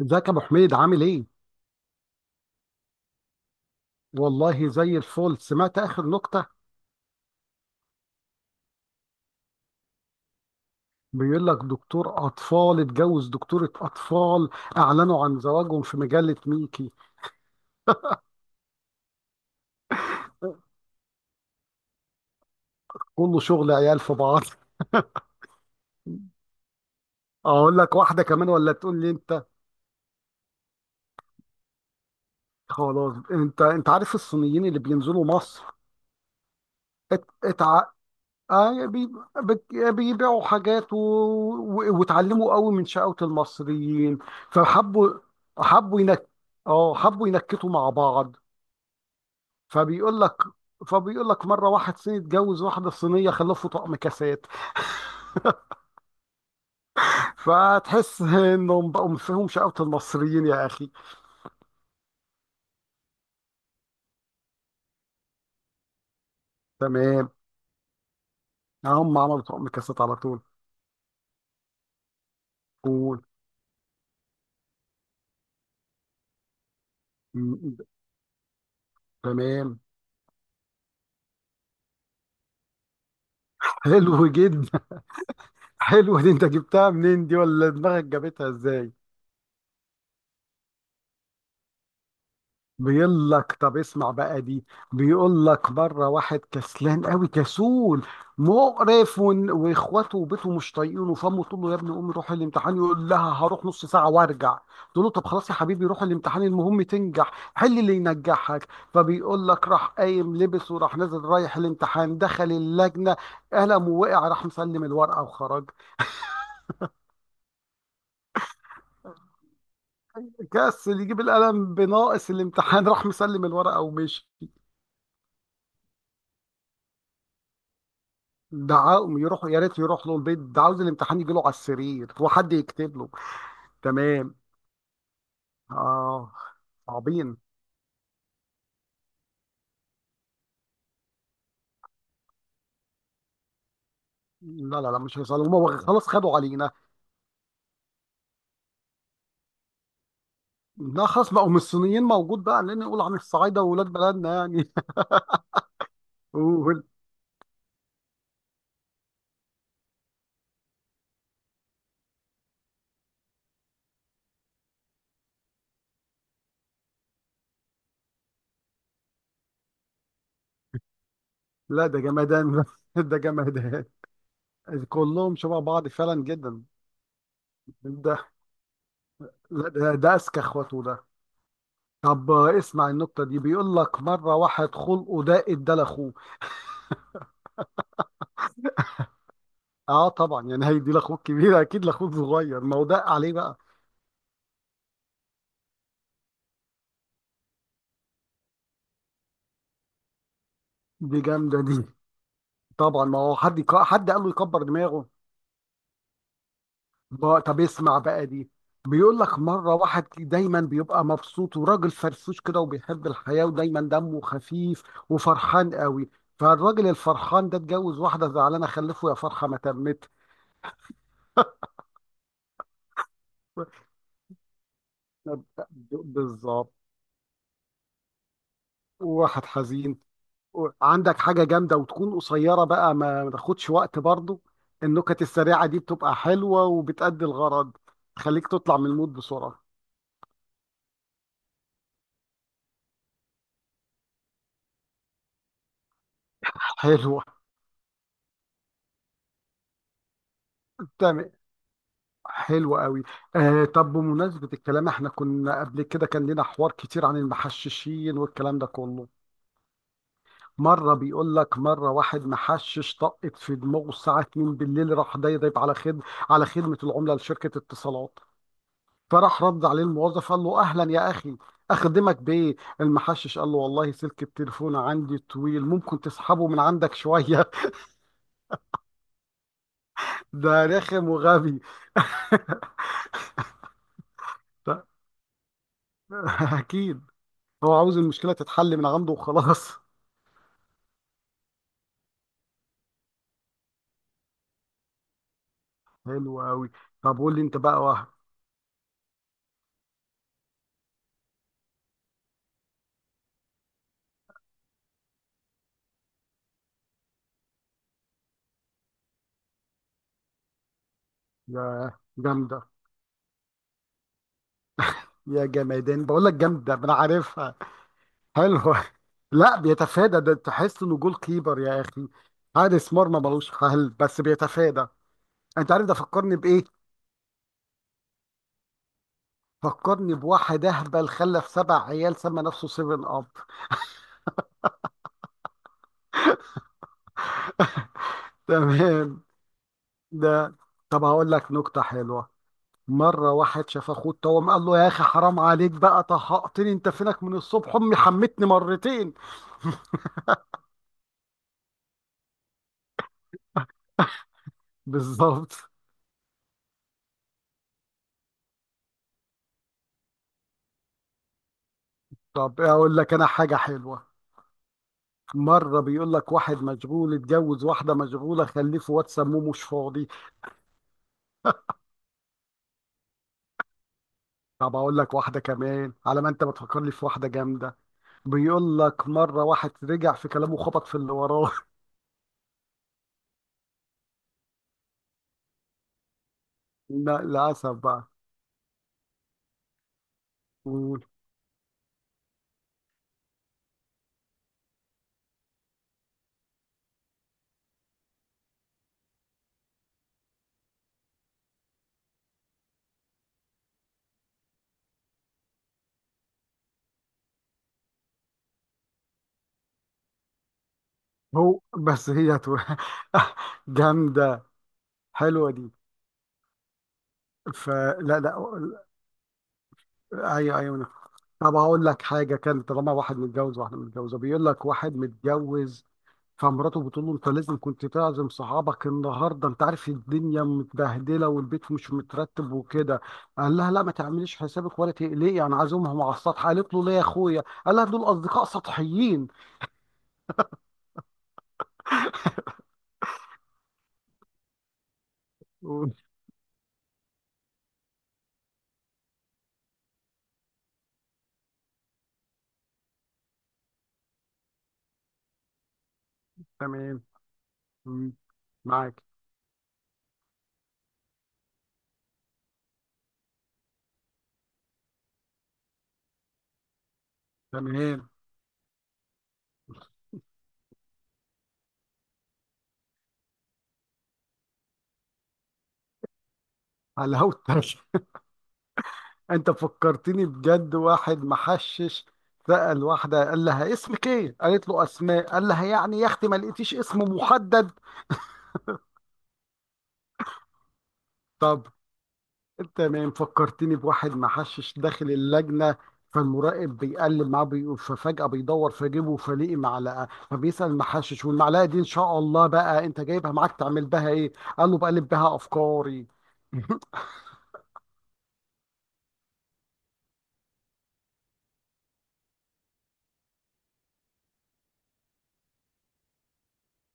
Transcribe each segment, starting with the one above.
ازيك يا ابو حميد عامل ايه؟ والله زي الفل سمعت اخر نكته. بيقول لك دكتور اطفال اتجوز دكتوره اطفال، اعلنوا عن زواجهم في مجله ميكي. كله شغل عيال في بعض. اقول لك واحده كمان ولا تقول لي انت؟ خلاص، انت عارف الصينيين اللي بينزلوا مصر. ات... اتع... آه بي... بي- بيبيعوا حاجات و واتعلموا قوي من شقاوة المصريين، فحبوا، حبوا ينك... اه حبوا ينكتوا مع بعض. فبيقول لك فبيقول لك مره واحد صيني اتجوز واحده صينيه، خلفوا طقم كاسات. فتحس انهم بقوا فيهم شقاوه المصريين يا اخي. تمام، هم عملوا طقم كاسات على طول. قول. م- تمام. حلو جدا. حلو دي، انت جبتها منين دي ولا دماغك جابتها ازاي؟ بيقول لك طب اسمع بقى دي. بيقول لك بره واحد كسلان قوي كسول مقرف، واخواته وبيته مش طايقينه، فامه تقول له يا ابني قوم روح الامتحان. يقول لها هروح نص ساعه وارجع. تقول له طب خلاص يا حبيبي روح الامتحان، المهم تنجح، حل اللي ينجحك. فبيقول لك راح قايم لبس وراح نازل رايح الامتحان، دخل اللجنه، قلم ووقع، راح مسلم الورقه وخرج. كسل يجيب القلم، بناقص الامتحان راح مسلم الورقه ومشي. دعاهم يروحوا، يا ريت يروح له البيت، ده عاوز الامتحان يجي له على السرير وحد يكتب له. تمام. اه، صعبين. لا لا لا، مش هيصلوا، هم خلاص خدوا علينا. لا خلاص بقوا من الصينيين موجود بقى، لان نقول عن الصعايده واولاد بلدنا يعني. قول. لا ده جمدان، ده جمدان. كلهم شبه بعض فعلا جدا. ده لا ده، ده اذكى اخواته ده. طب اسمع النكته دي، بيقول لك مره واحد خلقه ده ادى لاخوه. اه طبعا، يعني هيدي لاخوك كبير؟ اكيد لاخوك صغير، ما هو ده عليه بقى. دي جامدة دي. طبعا، ما هو حد حد قال له يكبر دماغه. طب اسمع بقى دي. بيقول لك مرة واحد دايما بيبقى مبسوط وراجل فرفوش كده وبيحب الحياة ودايما دمه خفيف وفرحان قوي. فالراجل الفرحان ده اتجوز واحدة زعلانة، خلفه يا فرحة ما تمت. طب- بالظبط، واحد حزين. عندك حاجة جامدة وتكون قصيرة بقى، ما تاخدش وقت برضه. النكت السريعة دي بتبقى حلوة وبتأدي الغرض، تخليك تطلع من المود بسرعة. حلو. تمام، حلو قوي. آه طب بمناسبة الكلام، احنا كنا قبل كده كان لنا حوار كتير عن المحششين والكلام ده كله. بيقول لك مرة واحد محشش طقت في دماغه الساعة 2 بالليل، راح ضايب على خدمة العملة لشركة اتصالات. فراح رد عليه الموظف قال له أهلا يا أخي، أخدمك بإيه؟ المحشش قال له والله سلك التليفون عندي طويل، ممكن تسحبه من عندك شوية؟ ده رخم وغبي. أكيد، هو عاوز المشكلة تتحل من عنده وخلاص. حلو قوي. طب قول لي انت بقى واحد. يا جامدة، يا جمادان بقول لك جامدة، ما انا عارفها. حلوة. لا بيتفادى ده، تحس انه جول كيبر يا اخي، حارس مرمى ملوش حل بس بيتفادى. انت عارف ده فكرني بايه؟ فكرني بواحد اهبل خلف سبع عيال سمى نفسه سيفن اب. تمام. ده طب هقول لك نكتة حلوة. مرة واحد شاف اخوه اتوم قال له يا اخي حرام عليك بقى طهقتني، انت فينك من الصبح؟ امي حمتني مرتين. بالظبط. طب اقول لك انا حاجة حلوة. مرة بيقول لك واحد مشغول اتجوز واحدة مشغولة، خليه في واد سموه مش فاضي. طب اقول لك واحدة كمان على ما انت بتفكرني في واحدة جامدة. بيقول لك مرة واحد رجع في كلامه، خبط في اللي وراه. لا للأسف بقى. قول. هو بس جامدة، حلوة دي. فلا لا، ايوه ايوه. طب هقول لك حاجه كان طالما واحد متجوز واحده متجوزه، بيقول لك واحد متجوز فمراته بتقول له انت لازم كنت تعزم صحابك النهارده، انت عارف الدنيا متبهدله والبيت مش مترتب وكده. قال لها لا ما تعمليش حسابك ولا تقلقي، انا عازمهم على السطح. قالت له ليه يا اخويا؟ قال لها دول اصدقاء سطحيين. تمام. مم. معاك. تمام. على هو، انت فكرتني بجد واحد محشش سأل واحدة قال لها اسمك ايه؟ قالت له اسماء. قال لها يعني يا اختي ما لقيتيش اسم محدد؟ طب انت ما فكرتني بواحد محشش داخل اللجنة، فالمراقب بيقلب معاه بي... ففجأة بيدور في جيبه فلاقي معلقة، فبيسأل المحشش والمعلقة دي ان شاء الله بقى انت جايبها معاك تعمل بها ايه؟ قال له بقلب بها افكاري.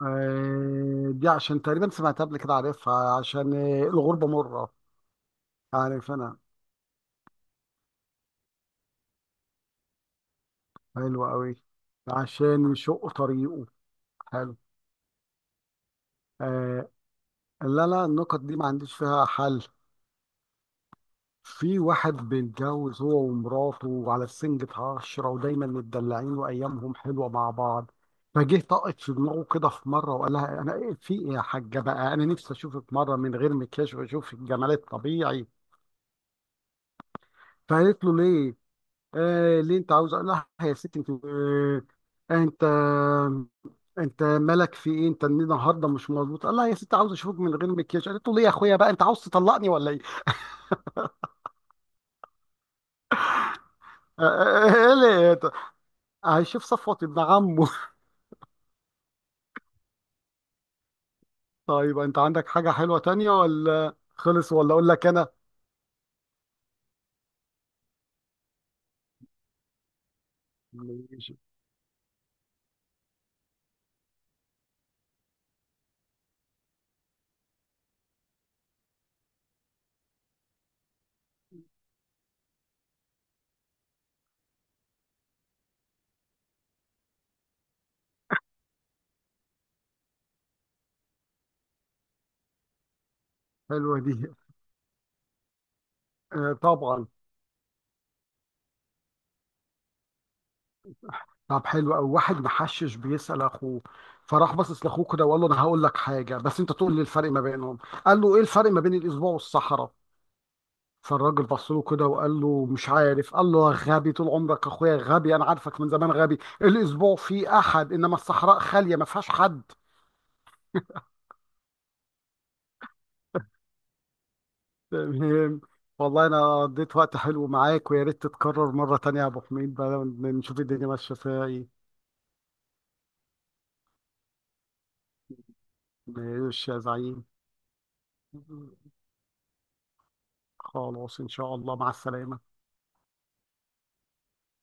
آه، دي عشان تقريبا سمعتها قبل كده عارفها، عشان آه، الغربة مرة. عارف انا. حلو قوي. عشان يشق طريقه. حلو. آه، لا لا النكت دي ما عنديش فيها حل. في واحد بيتجوز هو ومراته وعلى سنجة عشرة ودايما متدلعين وأيامهم حلوة مع بعض. فجه طقت في دماغه كده في مرة وقال لها أنا إيه في إيه يا حاجة بقى، أنا نفسي أشوفك مرة من غير مكياج وأشوفك جمال الطبيعي. فقالت له ليه؟ آه ليه أنت عاوز؟ قال لها يا ستي أنت آه، أنت انت مالك في ايه؟ انت النهارده مش مظبوط؟ قال لها يا ست عاوز اشوفك من غير مكياج. قالت له ليه يا اخويا بقى، انت عاوز تطلقني ولا ايه؟ آه، آه، آه، ليه ت- هيشوف صفوة ابن عمه. طيب انت عندك حاجه حلوه تانية ولا خلص ولا اقول لك انا؟ ماشي. حلوه دي، آه، طبعا. طب حلو قوي، واحد محشش بيسال اخوه، فراح باصص لاخوه كده وقال له انا هقول لك حاجه بس انت تقول لي الفرق ما بينهم. قال له ايه الفرق ما بين الاسبوع والصحراء؟ فالراجل بص له كده وقال له مش عارف. قال له يا غبي طول عمرك اخويا غبي، انا عارفك من زمان غبي، الاسبوع فيه احد انما الصحراء خاليه ما فيهاش حد. تمام. والله انا قضيت وقت حلو معاك، ويا ريت تتكرر مره تانية يا ابو حميد، بقى نشوف الدنيا ماشيه فيها ايه. ماشي يا زعيم. خلاص ان شاء الله مع السلامه.